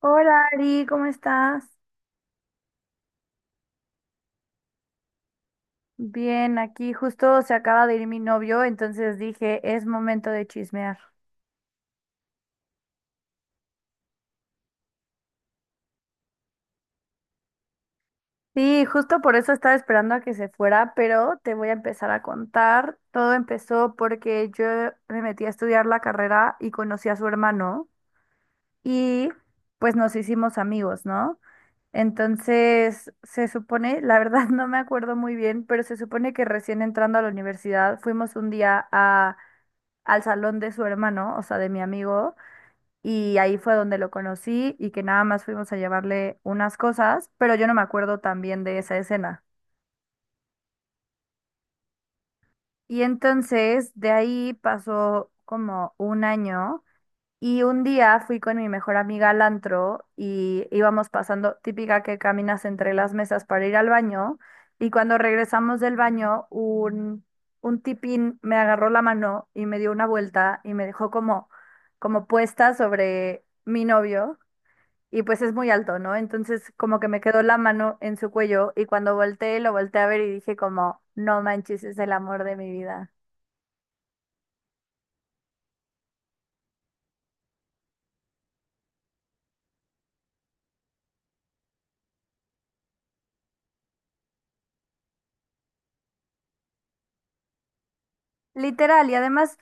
Hola Ari, ¿cómo estás? Bien, aquí justo se acaba de ir mi novio, entonces dije, es momento de chismear. Sí, justo por eso estaba esperando a que se fuera, pero te voy a empezar a contar. Todo empezó porque yo me metí a estudiar la carrera y conocí a su hermano y pues nos hicimos amigos, ¿no? Entonces, se supone, la verdad no me acuerdo muy bien, pero se supone que recién entrando a la universidad fuimos un día al salón de su hermano, o sea, de mi amigo, y ahí fue donde lo conocí y que nada más fuimos a llevarle unas cosas, pero yo no me acuerdo tan bien de esa escena. Y entonces, de ahí pasó como un año. Y un día fui con mi mejor amiga al antro y íbamos pasando, típica que caminas entre las mesas para ir al baño. Y cuando regresamos del baño, un tipín me agarró la mano y me dio una vuelta y me dejó como, como puesta sobre mi novio. Y pues es muy alto, ¿no? Entonces como que me quedó la mano en su cuello y cuando volteé, lo volteé a ver y dije como, no manches, es el amor de mi vida. Literal, y además,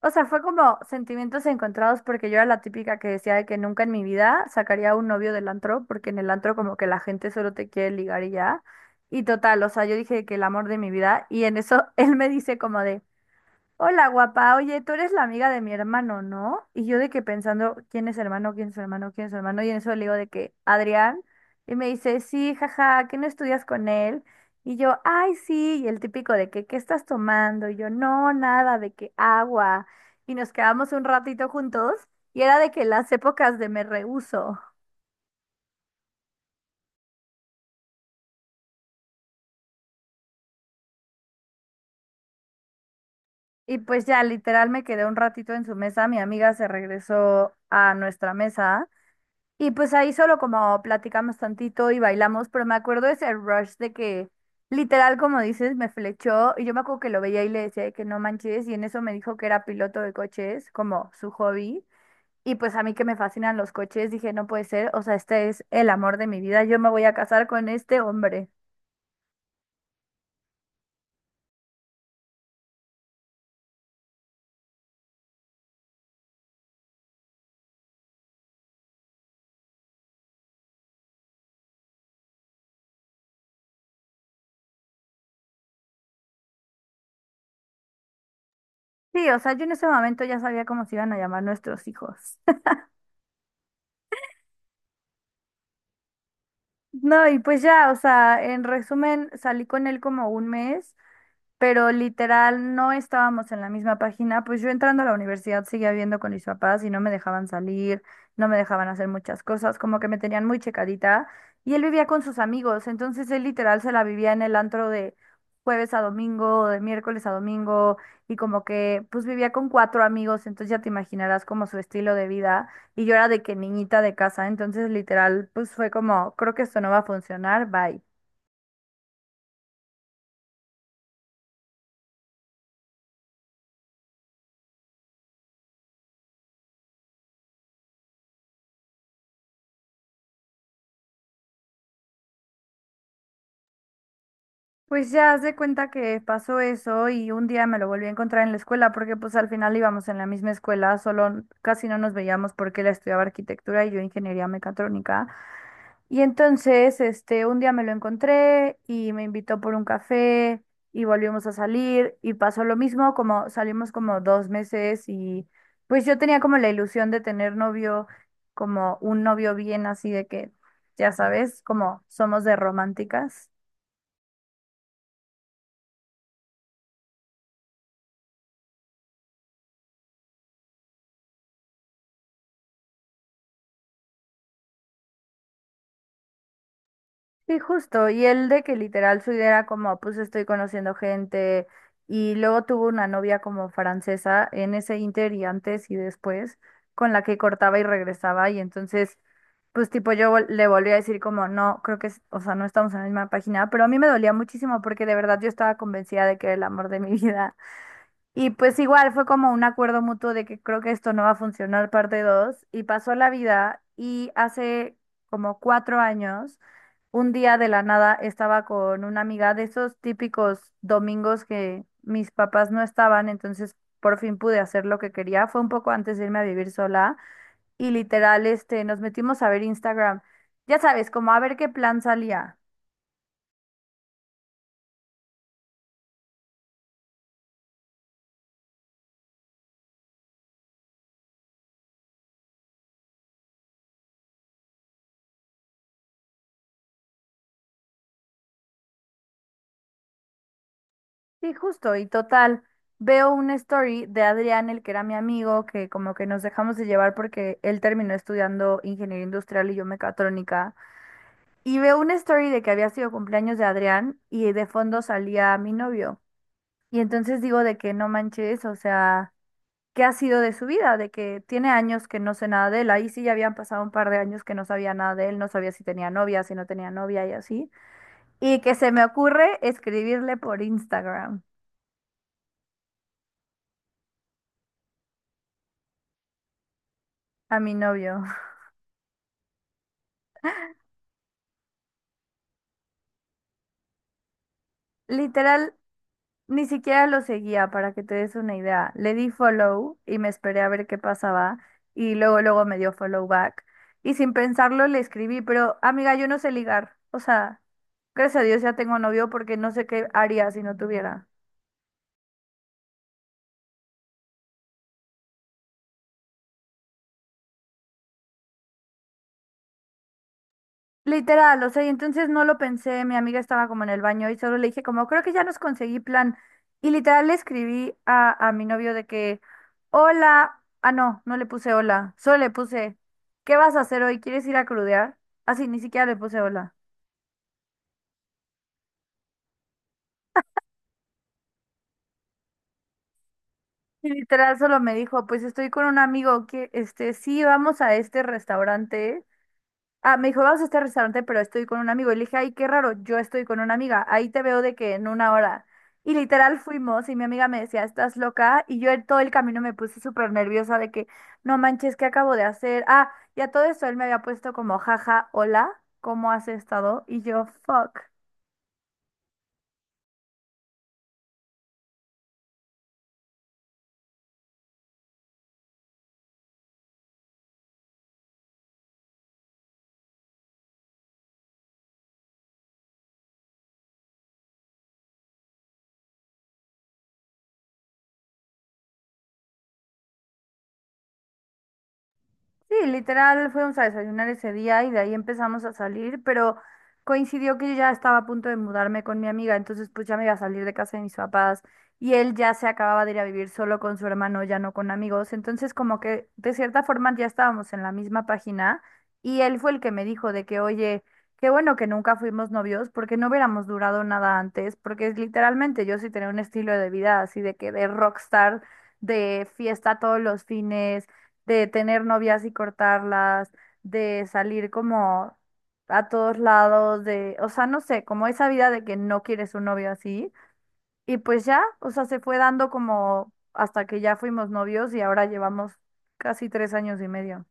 o sea, fue como sentimientos encontrados porque yo era la típica que decía de que nunca en mi vida sacaría un novio del antro, porque en el antro como que la gente solo te quiere ligar y ya. Y total, o sea, yo dije que el amor de mi vida, y en eso él me dice como de… Hola, guapa. Oye, tú eres la amiga de mi hermano, ¿no? Y yo de que pensando, ¿quién es su hermano? ¿Quién es su hermano? ¿Quién es su hermano? Y en eso le digo de que, Adrián. Y me dice, sí, jaja, ¿qué no estudias con él? Y yo, ay, sí. Y el típico de que, ¿qué estás tomando? Y yo, no, nada, de que agua. Y nos quedamos un ratito juntos. Y era de que las épocas de me rehuso. Y pues ya, literal, me quedé un ratito en su mesa. Mi amiga se regresó a nuestra mesa. Y pues ahí solo como platicamos tantito y bailamos, pero me acuerdo de ese rush de que literal, como dices, me flechó y yo me acuerdo que lo veía y le decía de que no manches y en eso me dijo que era piloto de coches, como su hobby. Y pues a mí que me fascinan los coches, dije, no puede ser, o sea, este es el amor de mi vida, yo me voy a casar con este hombre. Sí, o sea, yo en ese momento ya sabía cómo se iban a llamar nuestros hijos. No, y pues ya, o sea, en resumen, salí con él como un mes, pero literal no estábamos en la misma página, pues yo entrando a la universidad seguía viviendo con mis papás y no me dejaban salir, no me dejaban hacer muchas cosas, como que me tenían muy checadita y él vivía con sus amigos, entonces él literal se la vivía en el antro de jueves a domingo, de miércoles a domingo y como que pues vivía con cuatro amigos, entonces ya te imaginarás como su estilo de vida y yo era de que niñita de casa, entonces literal pues fue como, creo que esto no va a funcionar, bye. Pues ya haz de cuenta que pasó eso y un día me lo volví a encontrar en la escuela porque pues al final íbamos en la misma escuela, casi no nos veíamos porque él estudiaba arquitectura y yo ingeniería mecatrónica. Y entonces, este, un día me lo encontré y me invitó por un café y volvimos a salir y pasó lo mismo, como salimos como 2 meses y pues yo tenía como la ilusión de tener novio, como un novio bien así de que, ya sabes, como somos de románticas. Sí, justo. Y él de que literal su idea era como, pues estoy conociendo gente. Y luego tuvo una novia como francesa en ese inter y antes y después, con la que cortaba y regresaba. Y entonces, pues tipo le volví a decir como, no, creo que, o sea, no estamos en la misma página. Pero a mí me dolía muchísimo porque de verdad yo estaba convencida de que era el amor de mi vida. Y pues igual fue como un acuerdo mutuo de que creo que esto no va a funcionar parte 2 y pasó la vida y hace como 4 años, un día de la nada estaba con una amiga de esos típicos domingos que mis papás no estaban, entonces por fin pude hacer lo que quería. Fue un poco antes de irme a vivir sola y literal, este, nos metimos a ver Instagram. Ya sabes, como a ver qué plan salía. Sí, justo, y total, veo una story de Adrián, el que era mi amigo, que como que nos dejamos de llevar porque él terminó estudiando ingeniería industrial y yo mecatrónica, y veo una story de que había sido cumpleaños de Adrián y de fondo salía mi novio. Y entonces digo de que no manches, o sea, ¿qué ha sido de su vida? De que tiene años que no sé nada de él, ahí sí ya habían pasado un par de años que no sabía nada de él, no sabía si tenía novia, si no tenía novia y así, y que se me ocurre escribirle por Instagram a mi novio. Literal, ni siquiera lo seguía para que te des una idea. Le di follow y me esperé a ver qué pasaba y luego luego me dio follow back y sin pensarlo le escribí, pero amiga, yo no sé ligar. O sea, gracias a Dios ya tengo novio porque no sé qué haría si no tuviera. Literal, o sea, y entonces no lo pensé, mi amiga estaba como en el baño y solo le dije como, creo que ya nos conseguí plan. Y literal le escribí a mi novio de que, hola, ah, no, no le puse hola, solo le puse, ¿qué vas a hacer hoy? ¿Quieres ir a crudear? Así, ni siquiera le puse hola. Y literal solo me dijo, pues estoy con un amigo que, este, sí, vamos a este restaurante. Ah, me dijo, vamos a este restaurante, pero estoy con un amigo. Y le dije, ay, qué raro, yo estoy con una amiga. Ahí te veo de que en una hora. Y literal fuimos y mi amiga me decía, estás loca. Y yo en todo el camino me puse súper nerviosa de que, no manches, ¿qué acabo de hacer? Ah, y a todo eso él me había puesto como, jaja, hola, ¿cómo has estado? Y yo, fuck. Sí, literal, fuimos a desayunar ese día y de ahí empezamos a salir, pero coincidió que yo ya estaba a punto de mudarme con mi amiga, entonces pues ya me iba a salir de casa de mis papás y él ya se acababa de ir a vivir solo con su hermano, ya no con amigos, entonces como que de cierta forma ya estábamos en la misma página y él fue el que me dijo de que, oye, qué bueno que nunca fuimos novios porque no hubiéramos durado nada antes, porque literalmente yo sí tenía un estilo de vida así de que de rockstar, de fiesta todos los fines de tener novias y cortarlas, de salir como a todos lados, de, o sea, no sé, como esa vida de que no quieres un novio así. Y pues ya, o sea, se fue dando como hasta que ya fuimos novios y ahora llevamos casi 3 años y medio.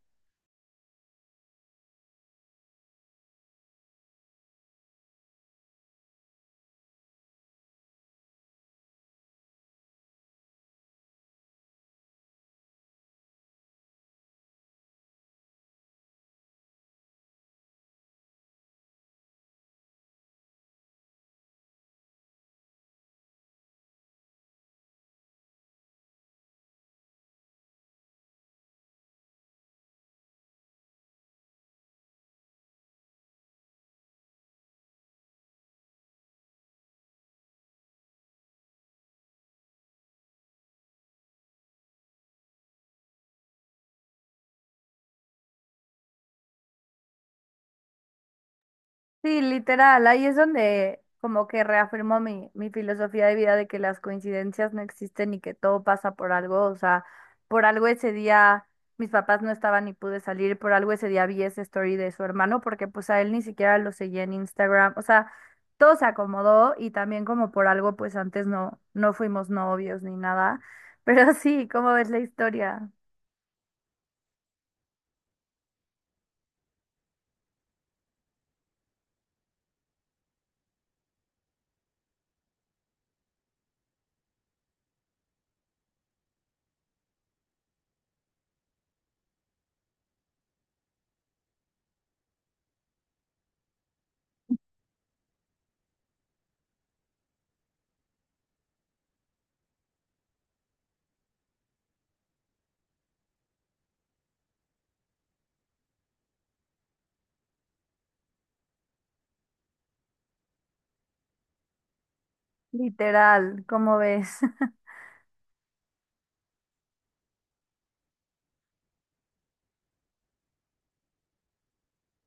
Sí, literal, ahí es donde como que reafirmo mi filosofía de vida de que las coincidencias no existen y que todo pasa por algo, o sea, por algo ese día mis papás no estaban y pude salir, por algo ese día vi esa story de su hermano porque pues a él ni siquiera lo seguía en Instagram, o sea, todo se acomodó y también como por algo pues antes no, no fuimos novios ni nada, pero sí, ¿cómo ves la historia? Literal, ¿cómo ves?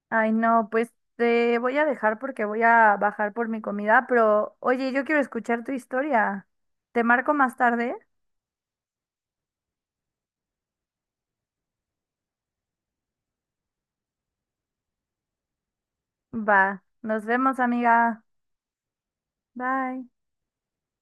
Ay, no, pues te voy a dejar porque voy a bajar por mi comida, pero oye, yo quiero escuchar tu historia. ¿Te marco más tarde? Va, nos vemos, amiga. Bye.